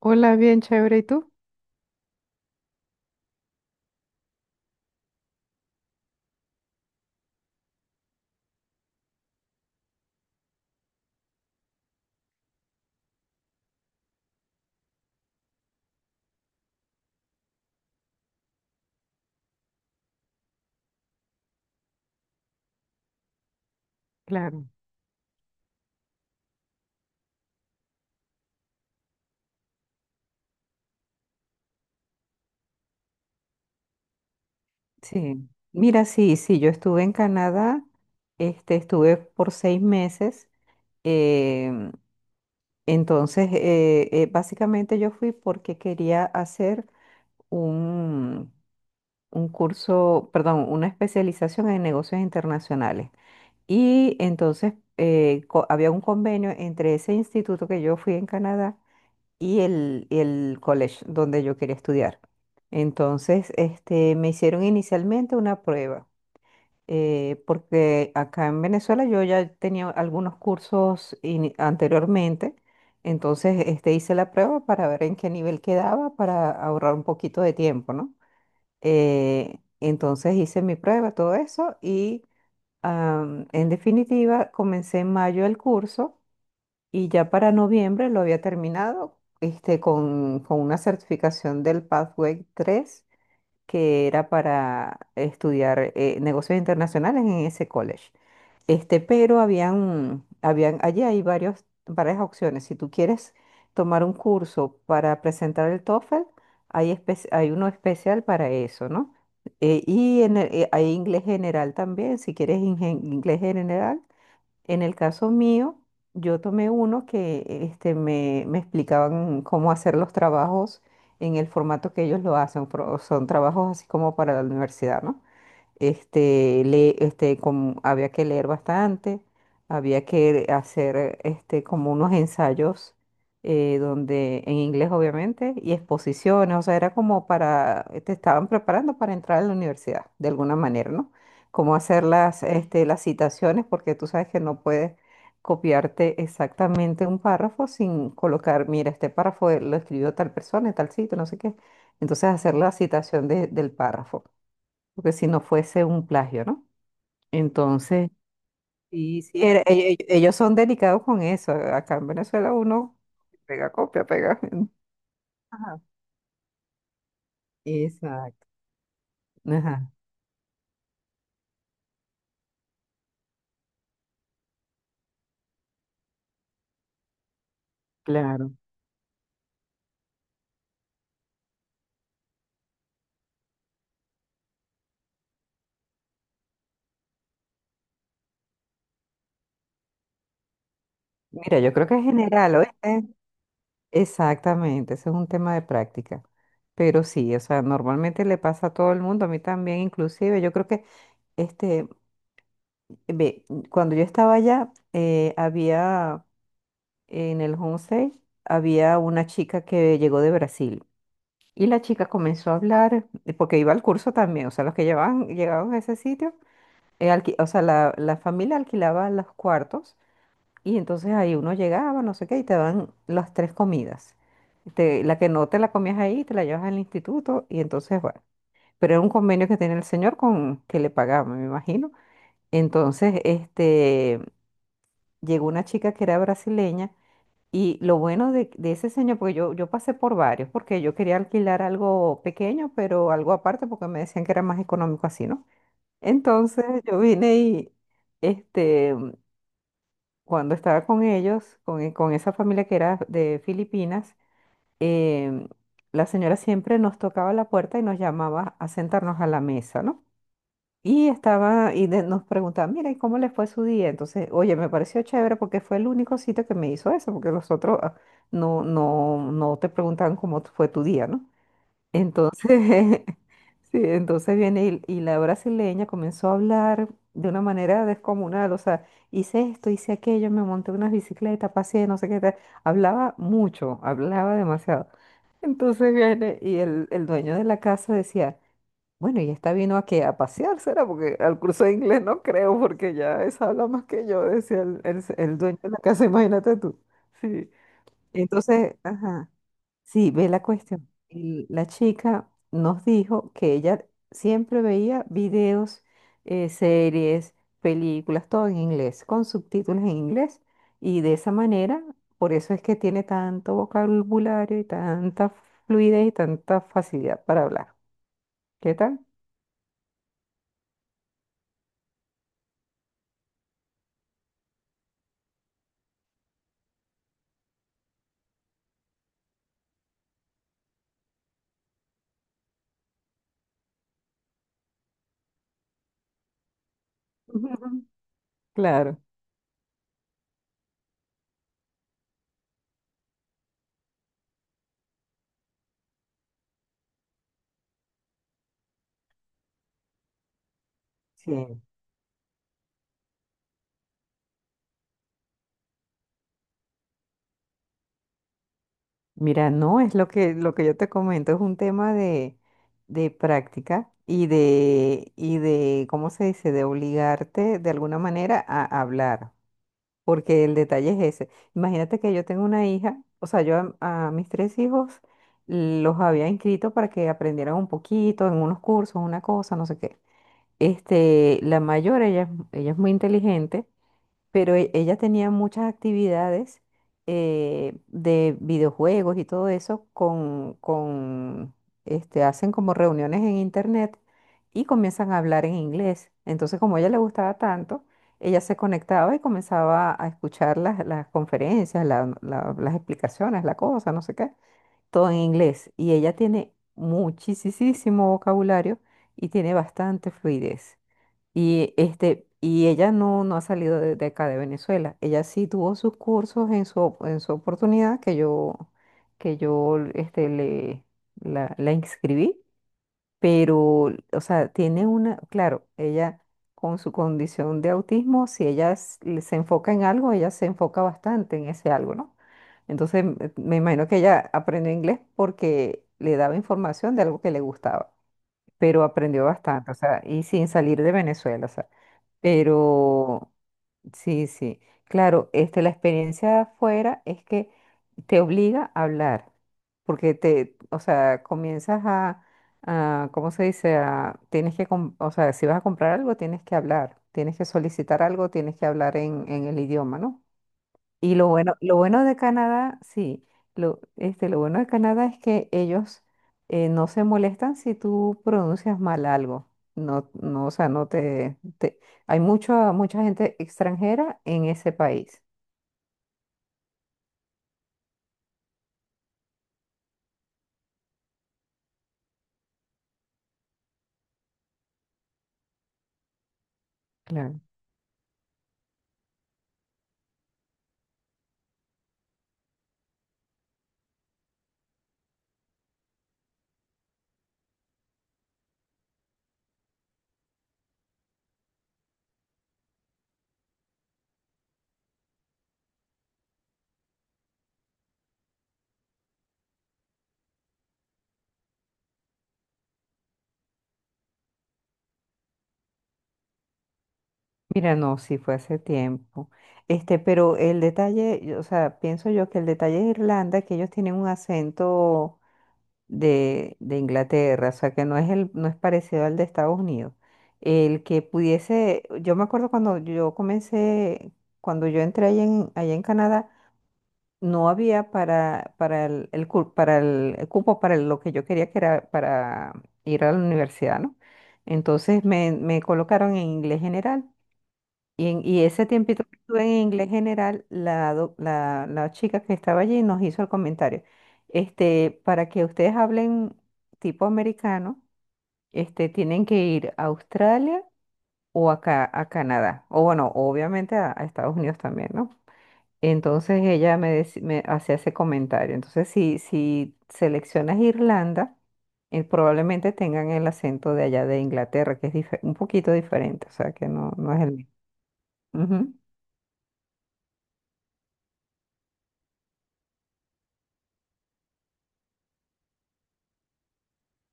Hola, bien chévere. ¿Y tú? Claro. Sí, mira, sí, sí, yo estuve en Canadá, estuve por 6 meses. em, entonces básicamente yo fui porque quería hacer un, un curso, perdón, una especialización en negocios internacionales. Y entonces había un convenio entre ese instituto que yo fui en Canadá y el college donde yo quería estudiar. Entonces, me hicieron inicialmente una prueba, porque acá en Venezuela yo ya tenía algunos anteriormente, entonces hice la prueba para ver en qué nivel quedaba, para ahorrar un poquito de tiempo, ¿no? Entonces hice mi prueba, todo eso, y en definitiva comencé en mayo el curso. Y ya para noviembre lo había terminado con una certificación del Pathway 3 que era para estudiar negocios internacionales en ese college. Pero habían, allí hay varios, varias opciones. Si tú quieres tomar un curso para presentar el TOEFL, hay uno especial para eso, ¿no? Y hay inglés general también, si quieres inglés general. En el caso mío, yo tomé uno que me explicaban cómo hacer los trabajos en el formato que ellos lo hacen. Son trabajos así como para la universidad, ¿no? Como había que leer bastante, había que hacer como unos ensayos donde, en inglés obviamente, y exposiciones, o sea, era como para, te estaban preparando para entrar a la universidad, de alguna manera, ¿no? Cómo hacer las citaciones, porque tú sabes que no puedes copiarte exactamente un párrafo sin colocar, mira, este párrafo lo escribió tal persona, en tal sitio, no sé qué. Entonces hacer la citación del párrafo porque si no fuese un plagio, ¿no? Entonces, sí, sí, ellos son delicados con eso. Acá en Venezuela uno pega copia, pega. Ajá. Exacto. Ajá, claro. Mira, yo creo que es general, ¿oíste? Exactamente, eso es un tema de práctica. Pero sí, o sea, normalmente le pasa a todo el mundo, a mí también inclusive. Yo creo que, este, ve, cuando yo estaba allá, había en el Homestay, había una chica que llegó de Brasil. Y la chica comenzó a hablar, porque iba al curso también, o sea, los que llevaban, llegaban a ese sitio, o sea, la familia alquilaba los cuartos y entonces ahí uno llegaba, no sé qué, y te dan las 3 comidas. La que no te la comías ahí, te la llevas al instituto y entonces, bueno, pero era un convenio que tenía el señor con que le pagaba, me imagino. Entonces, llegó una chica que era brasileña y lo bueno de ese señor, porque yo pasé por varios, porque yo quería alquilar algo pequeño, pero algo aparte, porque me decían que era más económico así, ¿no? Entonces yo vine y, este, cuando estaba con ellos, con esa familia que era de Filipinas, em, la señora siempre nos tocaba la puerta y nos llamaba a sentarnos a la mesa, ¿no? Y estaba, y nos preguntaban, mira, ¿y cómo le fue su día? Entonces, oye, me pareció chévere porque fue el único sitio que me hizo eso, porque los otros ah, no, no, no te preguntaban cómo fue tu día, ¿no? Entonces, sí, entonces viene y la brasileña comenzó a hablar de una manera descomunal, o sea, hice esto, hice aquello, me monté una bicicleta, pasé, no sé qué tal. Hablaba mucho, hablaba demasiado. Entonces viene y el dueño de la casa decía, bueno, y esta vino aquí a pasear, ¿será? Porque al curso de inglés no creo, porque ya esa habla más que yo, decía el dueño de la casa, imagínate tú. Sí. Entonces, ajá, sí, ve la cuestión. Y la chica nos dijo que ella siempre veía videos, series, películas, todo en inglés, con subtítulos en inglés. Y de esa manera, por eso es que tiene tanto vocabulario y tanta fluidez y tanta facilidad para hablar. ¿Qué tal? Claro. Sí. Mira, no, es lo que yo te comento, es un tema de práctica y ¿cómo se dice? De obligarte de alguna manera a hablar, porque el detalle es ese. Imagínate que yo tengo una hija, o sea, yo a mis 3 hijos los había inscrito para que aprendieran un poquito en unos cursos, una cosa, no sé qué. La mayor, ella es muy inteligente pero ella tenía muchas actividades de videojuegos y todo eso hacen como reuniones en internet y comienzan a hablar en inglés. Entonces, como a ella le gustaba tanto, ella se conectaba y comenzaba a escuchar las conferencias, las explicaciones, la cosa, no sé qué, todo en inglés. Y ella tiene muchísimo vocabulario y tiene bastante fluidez. Y, y ella no, no ha salido de acá de Venezuela. Ella sí tuvo sus cursos en en su oportunidad que yo la inscribí, pero, o sea, tiene una, claro, ella con su condición de autismo, si ella se enfoca en algo, ella se enfoca bastante en ese algo, ¿no? Entonces, me imagino que ella aprendió inglés porque le daba información de algo que le gustaba, pero aprendió bastante, o sea, y sin salir de Venezuela, o sea. Pero sí, sí. Claro, la experiencia de afuera es que te obliga a hablar, porque te, o sea, comienzas a, ¿cómo se dice? A, o sea, si vas a comprar algo, tienes que hablar, tienes que solicitar algo, tienes que hablar en el idioma, ¿no? Y lo bueno de Canadá, sí, lo bueno de Canadá es que ellos no se molestan si tú pronuncias mal algo. No, no, o sea, no te, te- hay mucha mucha gente extranjera en ese país. Claro. Mira, no, sí fue hace tiempo. Pero el detalle, o sea, pienso yo que el detalle de Irlanda es que ellos tienen un acento de Inglaterra, o sea que no es el, no es parecido al de Estados Unidos. El que pudiese, yo me acuerdo cuando yo comencé, cuando yo entré allá en Canadá, no había para para el cupo para lo que yo quería que era para ir a la universidad, ¿no? Entonces me colocaron en inglés general y, y ese tiempito que estuve en inglés general, la chica que estaba allí nos hizo el comentario. Para que ustedes hablen tipo americano, tienen que ir a Australia o acá a Canadá. O bueno, obviamente a Estados Unidos también, ¿no? Entonces me hacía ese comentario. Entonces, si seleccionas Irlanda, probablemente tengan el acento de allá de Inglaterra, que es un poquito diferente, o sea que no, no es el mismo.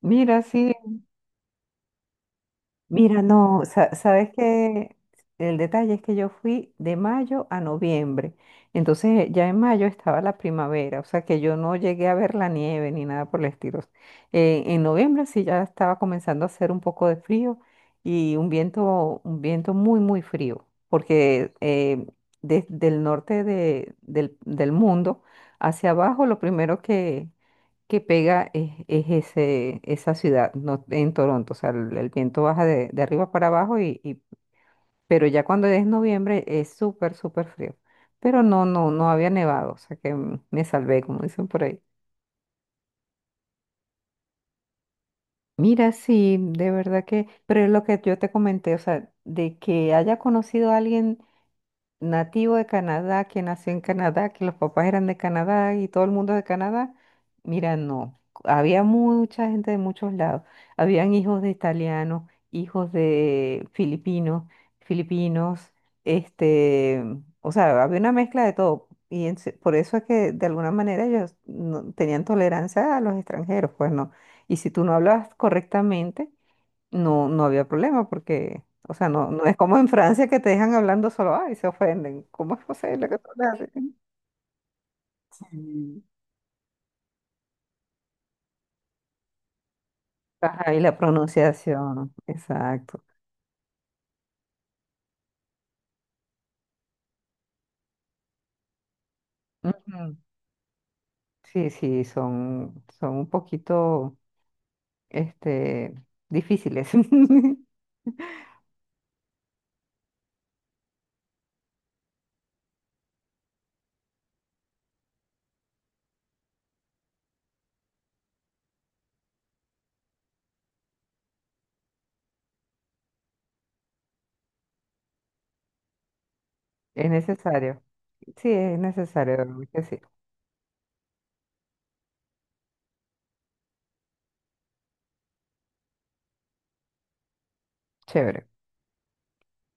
Mira, sí, mira, no, sabes que el detalle es que yo fui de mayo a noviembre, entonces ya en mayo estaba la primavera, o sea que yo no llegué a ver la nieve ni nada por el estilo. En noviembre sí ya estaba comenzando a hacer un poco de frío y un viento muy, muy frío, porque desde el norte del mundo hacia abajo lo primero que pega es ese, esa ciudad no, en Toronto. O sea, el viento baja de arriba para abajo, pero ya cuando es noviembre es súper, súper frío. Pero no, no, no había nevado, o sea que me salvé, como dicen por ahí. Mira, sí, de verdad que, pero es lo que yo te comenté, o sea, de que haya conocido a alguien nativo de Canadá, que nació en Canadá, que los papás eran de Canadá y todo el mundo de Canadá. Mira, no, había mucha gente de muchos lados. Habían hijos de italianos, hijos de filipinos, filipinos, este, o sea, había una mezcla de todo. Y por eso es que de alguna manera ellos no- tenían tolerancia a los extranjeros, pues no. Y si tú no hablabas correctamente, no, no había problema porque, o sea, no, no es como en Francia que te dejan hablando solo, ay, se ofenden. ¿Cómo es posible que tú le hables así? Sí. Ajá, y la pronunciación, exacto. Ujú. Sí, sí, son, son un poquito, este, difíciles. Es necesario. Sí, es necesario, de verdad que sí. Chévere.